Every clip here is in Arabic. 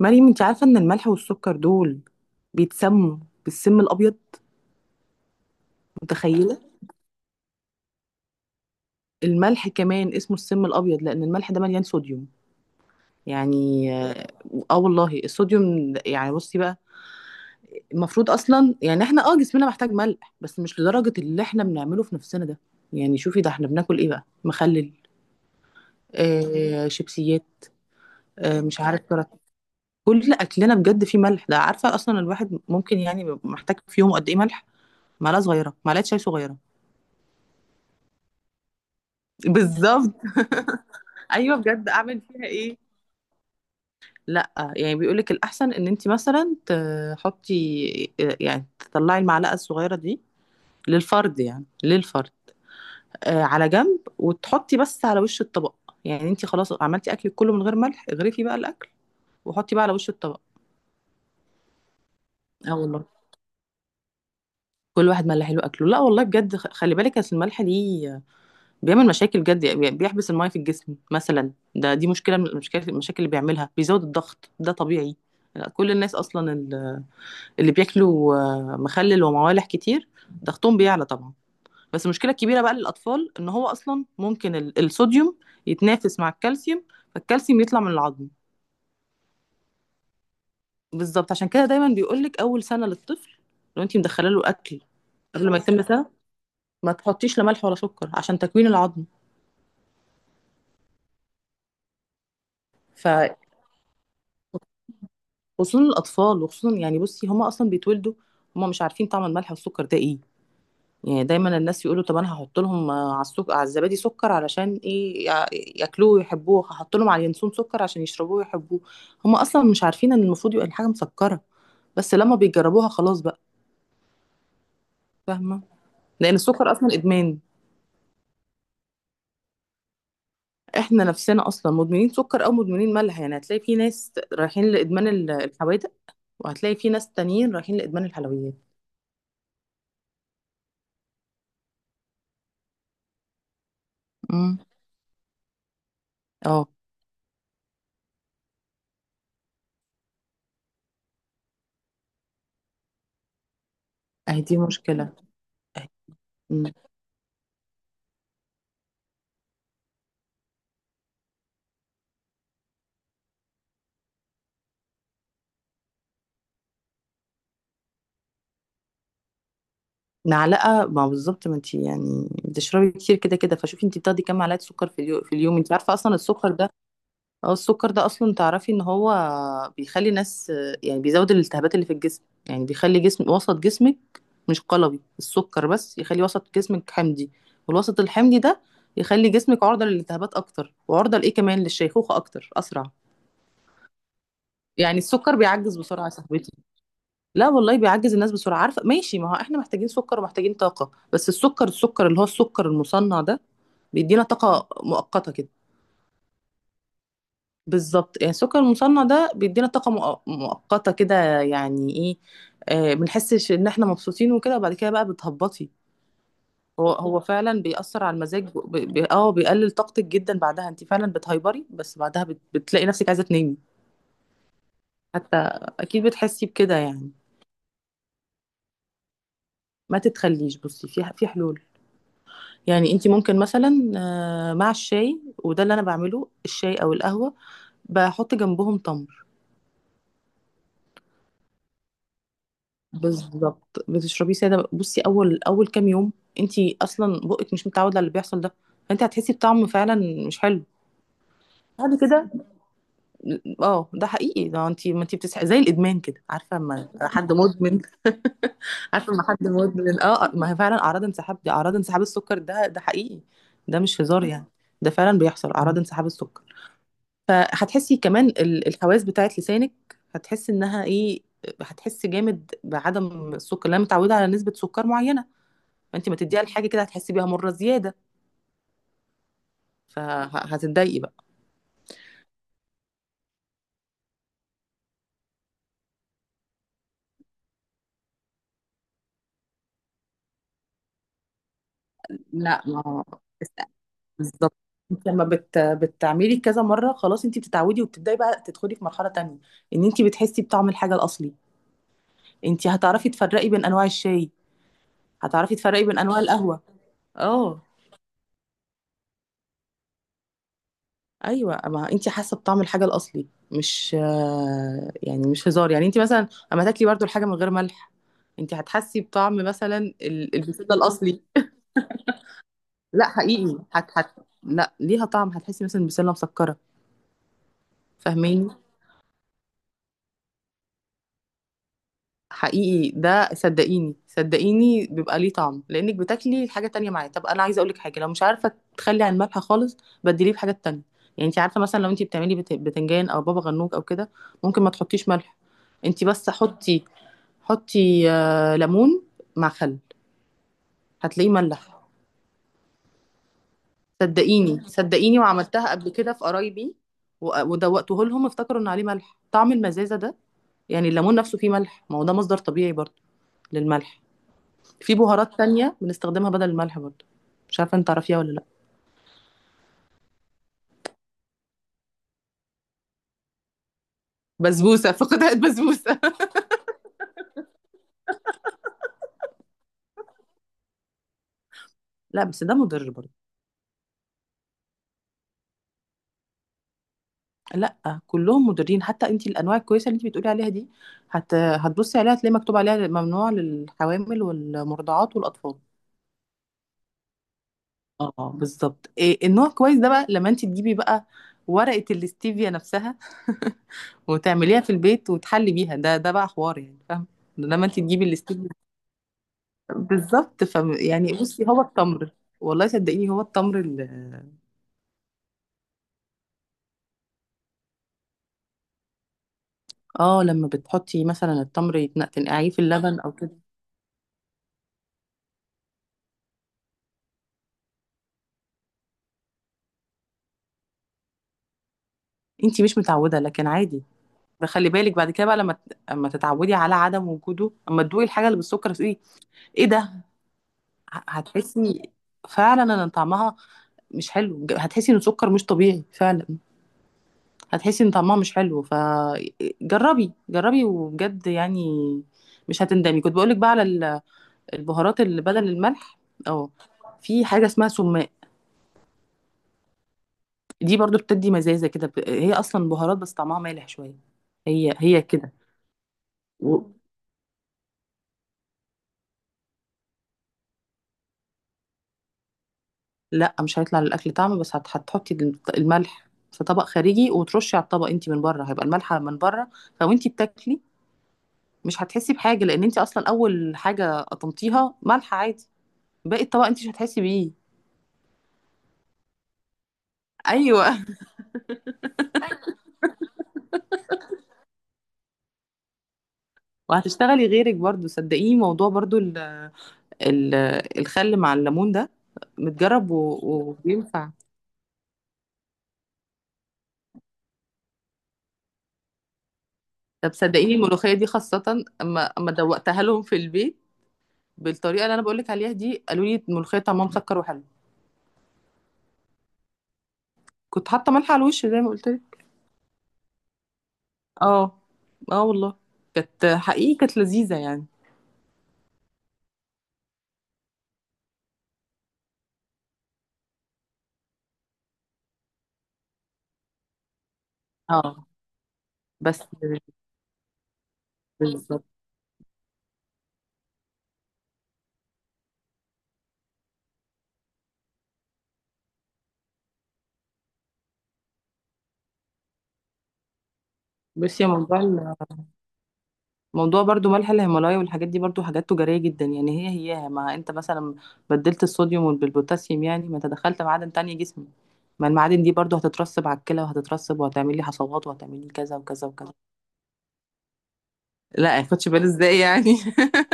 مريم، انت عارفة ان الملح والسكر دول بيتسموا بالسم الابيض. متخيلة؟ الملح كمان اسمه السم الابيض لان الملح ده مليان صوديوم، يعني اه. آه والله، الصوديوم يعني بصي بقى، المفروض اصلا يعني احنا جسمنا محتاج ملح بس مش لدرجة اللي احنا بنعمله في نفسنا ده. يعني شوفي، ده احنا بناكل ايه بقى؟ مخلل، آه، شيبسيات، آه، مش عارف كرات. كل اكلنا بجد فيه ملح. ده عارفة اصلا الواحد ممكن يعني بيبقى محتاج في يوم قد ايه ملح؟ معلقة صغيرة، معلقة شاي صغيرة. بالظبط. ايوه بجد، اعمل فيها ايه؟ لا يعني بيقولك الاحسن ان انت مثلا تحطي، يعني تطلعي المعلقه الصغيره دي للفرد، يعني للفرد، آه، على جنب، وتحطي بس على وش الطبق. يعني انت خلاص عملتي اكلك كله من غير ملح، اغرفي بقى الاكل وحطي بقى على وش الطبق. اه والله، كل واحد ملح له اكله. لا والله بجد، خلي بالك اصل الملح دي بيعمل مشاكل جد. يعني بيحبس الميه في الجسم مثلا، ده دي مشكله من المشاكل. المشاكل اللي بيعملها، بيزود الضغط ده طبيعي. لا، كل الناس اصلا اللي بياكلوا، آه، مخلل وموالح كتير، ضغطهم بيعلى طبعا. بس المشكله الكبيره بقى للاطفال ان هو اصلا ممكن الصوديوم يتنافس مع الكالسيوم، فالكالسيوم يطلع من العظم. بالظبط، عشان كده دايما بيقولك اول سنه للطفل، لو انت مدخله له اكل قبل ما يتم سنه، ما تحطيش لا ملح ولا سكر عشان تكوين العظم. ف خصوصا الاطفال، وخصوصا يعني بصي، هما اصلا بيتولدوا هما مش عارفين طعم الملح والسكر ده ايه. يعني دايما الناس يقولوا، طب انا هحط لهم على السكر، على الزبادي سكر علشان ايه، ياكلوه ويحبوه، هحط لهم على اليانسون سكر عشان يشربوه ويحبوه. هم اصلا مش عارفين ان المفروض يبقى الحاجه مسكره، بس لما بيجربوها خلاص بقى. فاهمه. لان السكر اصلا ادمان. احنا نفسنا اصلا مدمنين سكر او مدمنين ملح. يعني هتلاقي في ناس رايحين لادمان الحوادق، وهتلاقي في ناس تانيين رايحين لادمان الحلويات. امم. اه. اهي دي مشكله. معلقه، ما بالظبط، ما انت يعني بتشربي كتير كده كده، فشوفي انت بتاخدي كام معلقه سكر في اليوم؟ في اليوم؟ انت عارفه اصلا السكر ده، اه السكر ده اصلا تعرفي ان هو بيخلي الناس، يعني بيزود الالتهابات اللي في الجسم. يعني بيخلي جسم، وسط جسمك مش قلوي. السكر بس يخلي وسط جسمك حمضي، والوسط الحمضي ده يخلي جسمك عرضه للالتهابات اكتر، وعرضه لايه كمان، للشيخوخه اكتر، اسرع. يعني السكر بيعجز بسرعه يا صاحبتي. لا والله، بيعجز الناس بسرعة. عارفة، ماشي، ما هو احنا محتاجين سكر ومحتاجين طاقة، بس السكر اللي هو السكر المصنع ده بيدينا طاقة مؤقتة كده. بالظبط، يعني السكر المصنع ده بيدينا طاقة مؤقتة كده. يعني ايه؟ آه، بنحسش ان احنا مبسوطين وكده، وبعد كده بقى بتهبطي. هو فعلا بيأثر على المزاج، بيقلل طاقتك جدا بعدها. انت فعلا بتهيبري، بس بعدها بتلاقي نفسك عايزة تنامي. حتى، اكيد بتحسي بكده يعني. ما تتخليش بصي، في حلول. يعني انت ممكن مثلا، آه، مع الشاي، وده اللي انا بعمله، الشاي او القهوه بحط جنبهم تمر. بالظبط، بتشربيه ساده. بصي اول اول كام يوم، انت اصلا بقك مش متعود على اللي بيحصل ده، فانت هتحسي بطعم فعلا مش حلو بعد كده. اه، ده حقيقي، ده انت ما انت بتصحي زي الادمان كده. عارفه اما حد مدمن؟ عارفه اما حد مدمن؟ اه آه، ما هي فعلا اعراض انسحاب دي، اعراض انسحاب السكر ده. ده حقيقي، ده مش هزار يعني. ده فعلا بيحصل اعراض انسحاب السكر. فهتحسي كمان الحواس بتاعت لسانك، هتحسي انها ايه، هتحسي جامد بعدم السكر. لأن متعوده على نسبه سكر معينه، فانت ما تديها لحاجه كده هتحسي بيها مره زياده، فهتتضايقي بقى. لا، ما است- بالظبط. انت لما بتعملي كذا مره، خلاص انت بتتعودي، وبتبداي بقى تدخلي في مرحله تانية، ان انت بتحسي بطعم الحاجه الاصلي. انت هتعرفي تفرقي بين انواع الشاي، هتعرفي تفرقي بين انواع القهوه. اه. ايوه، ما انت حاسه بطعم الحاجه الاصلي. مش آه، يعني مش هزار يعني، انت مثلا اما تاكلي برضو الحاجه من غير ملح، انت هتحسي بطعم مثلا البسله الاصلي. لا حقيقي، هت هت لا ليها طعم، هتحسي مثلا البسله مسكره. فاهماني؟ حقيقي، ده صدقيني صدقيني، بيبقى ليه طعم لانك بتاكلي الحاجه تانية معاه. طب انا عايزه اقولك حاجه لو مش عارفه تخلي عن الملح خالص، بديليه بحاجه تانية. يعني انت عارفه مثلا لو انت بتعملي بتنجان او بابا غنوج او كده، ممكن ما تحطيش ملح، انت بس حطي، حطي آه، ليمون مع خل، هتلاقيه ملح. صدقيني صدقيني، وعملتها قبل كده في قرايبي، ودوقته لهم، افتكروا ان عليه ملح، طعم المزازه ده. يعني الليمون نفسه فيه ملح، ما هو ده مصدر طبيعي برضه للملح. في بهارات تانية بنستخدمها بدل الملح برضه، مش عارفه انت تعرفيها ولا لا. بسبوسه فقدت بسبوسه. لا بس ده مضر برضه. لا كلهم مضرين. حتى انت الانواع الكويسه اللي انت بتقولي عليها دي، هتبصي عليها هتلاقي مكتوب عليها ممنوع للحوامل والمرضعات والاطفال. اه بالظبط. إيه النوع كويس ده بقى لما انت تجيبي بقى ورقة الاستيفيا نفسها، وتعمليها في البيت وتحلي بيها؟ ده بقى حوار يعني، فاهم. لما انت تجيبي الاستيفيا، بالظبط. ف يعني بصي، هو التمر، والله صدقيني، هو التمر لما بتحطي مثلا التمر، تنقعيه في اللبن او كده. انت مش متعودة، لكن عادي. فخلي بالك بعد كده بقى، لما اما تتعودي على عدم وجوده، اما تدوقي الحاجة اللي بالسكر، تقولي ايه ده؟ هتحسي فعلا ان طعمها مش حلو، هتحسي ان سكر مش طبيعي فعلا. هتحسي ان طعمها مش حلو. فجربي، جربي وبجد يعني، مش هتندمي. كنت بقولك بقى على البهارات اللي بدل الملح. اه. في حاجة اسمها سماق، دي برضو بتدي مزازة كده. هي اصلا بهارات بس طعمها مالح شوية. هي هي كده. و... لا مش هيطلع للاكل طعم، بس هتحطي الملح في طبق خارجي وترشي على الطبق انت من بره. هيبقى الملح من بره، فوانتي بتاكلي مش هتحسي بحاجه، لان انت اصلا اول حاجه قطمتيها ملح عادي، باقي الطبق انت مش هتحسي بيه. ايوه. وهتشتغلي غيرك برضو صدقيني. موضوع برضو ال ال الخل مع الليمون ده متجرب وبينفع. طب صدقيني الملوخيه دي خاصه، اما اما دوقتها لهم في البيت بالطريقه اللي انا بقول لك عليها دي، قالوا لي الملوخيه طعمها مسكر وحلو. كنت حاطه ملح على الوش زي ما قلت لك. اه. اه والله، كانت حقيقي كانت لذيذه يعني. اه بس. بالظبط، بس يا موضوع برضو ملح الهيمالايا والحاجات دي برضو حاجات تجارية جدا. يعني هي هي، ما انت مثلا بدلت الصوديوم بالبوتاسيوم، يعني ما انت دخلت معادن تانية جسمي. ما المعادن دي برضو هتترسب على الكلى وهتترسب، وهتعمل لي حصوات، وهتعمل لي كذا وكذا وكذا. لا يعني خدش بالي ازاي يعني.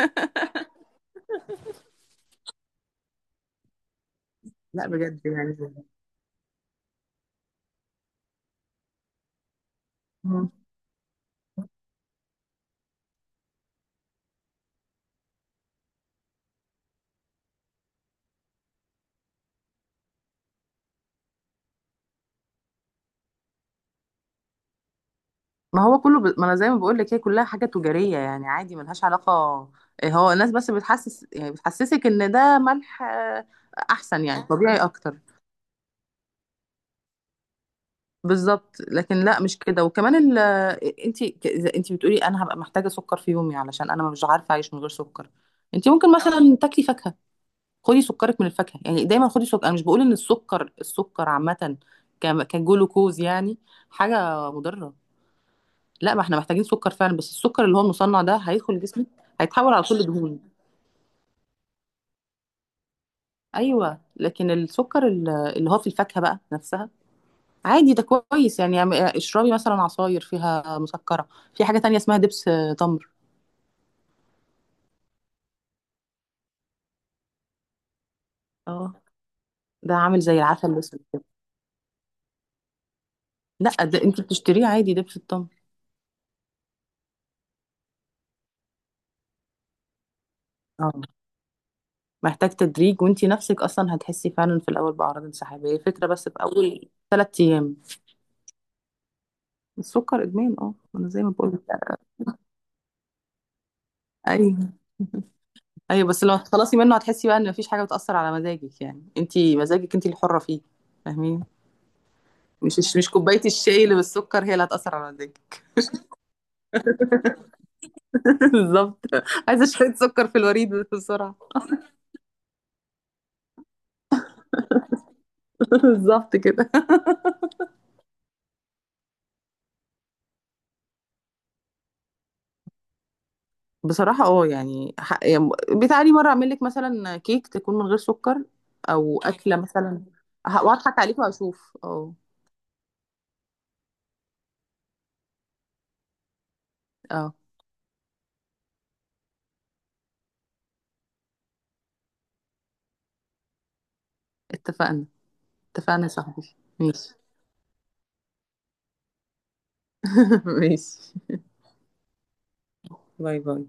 لا بجد يعني. مم. ما هو كله ما انا زي ما بقول لك، هي كلها حاجة تجارية يعني عادي، ملهاش علاقة. إيه، هو الناس بس بتحسس، يعني بتحسسك ان ده ملح آه، احسن، يعني طبيعي اكتر. بالظبط، لكن لا مش كده. وكمان ال، انت انت بتقولي انا هبقى محتاجه سكر في يومي علشان انا مش عارفه اعيش من غير سكر. انت ممكن مثلا تاكلي فاكهه، خدي سكرك من الفاكهه. يعني دايما خدي سكر، انا مش بقول ان السكر، السكر عامه كجلوكوز يعني، حاجه مضره. لا، ما احنا محتاجين سكر فعلا، بس السكر اللي هو المصنع ده هيدخل جسمك، هيتحول على كل دهون. ايوه. لكن السكر اللي هو في الفاكهه بقى نفسها عادي، ده كويس يعني. اشربي مثلا عصاير فيها مسكرة. في حاجة تانية اسمها دبس آه، تمر. اه، ده عامل زي العسل الأسود كده. لا، ده انت بتشتريه عادي، دبس التمر. اه، محتاج تدريج. وانت نفسك اصلا هتحسي فعلا في الاول باعراض انسحاب، هي فكرة بس في اول 3 ايام. السكر ادمان، اه، انا زي ما بقول لك. ايوه. ايوه بس لما تخلصي منه، هتحسي بقى ان مفيش حاجة بتأثر على مزاجك. يعني انت مزاجك انت الحرة فيه. فاهمين. مش كوباية الشاي اللي بالسكر هي اللي هتأثر على مزاجك. بالظبط، عايزه شويه سكر في الوريد بسرعه. بالظبط كده. بصراحه اه يعني يعني بتعالي مره اعمل لك مثلا كيك تكون من غير سكر او اكله مثلا، واضحك عليك واشوف. اه. اه اتفقنا. اتفقنا يا صاحبي، ماشي. ماشي، باي باي.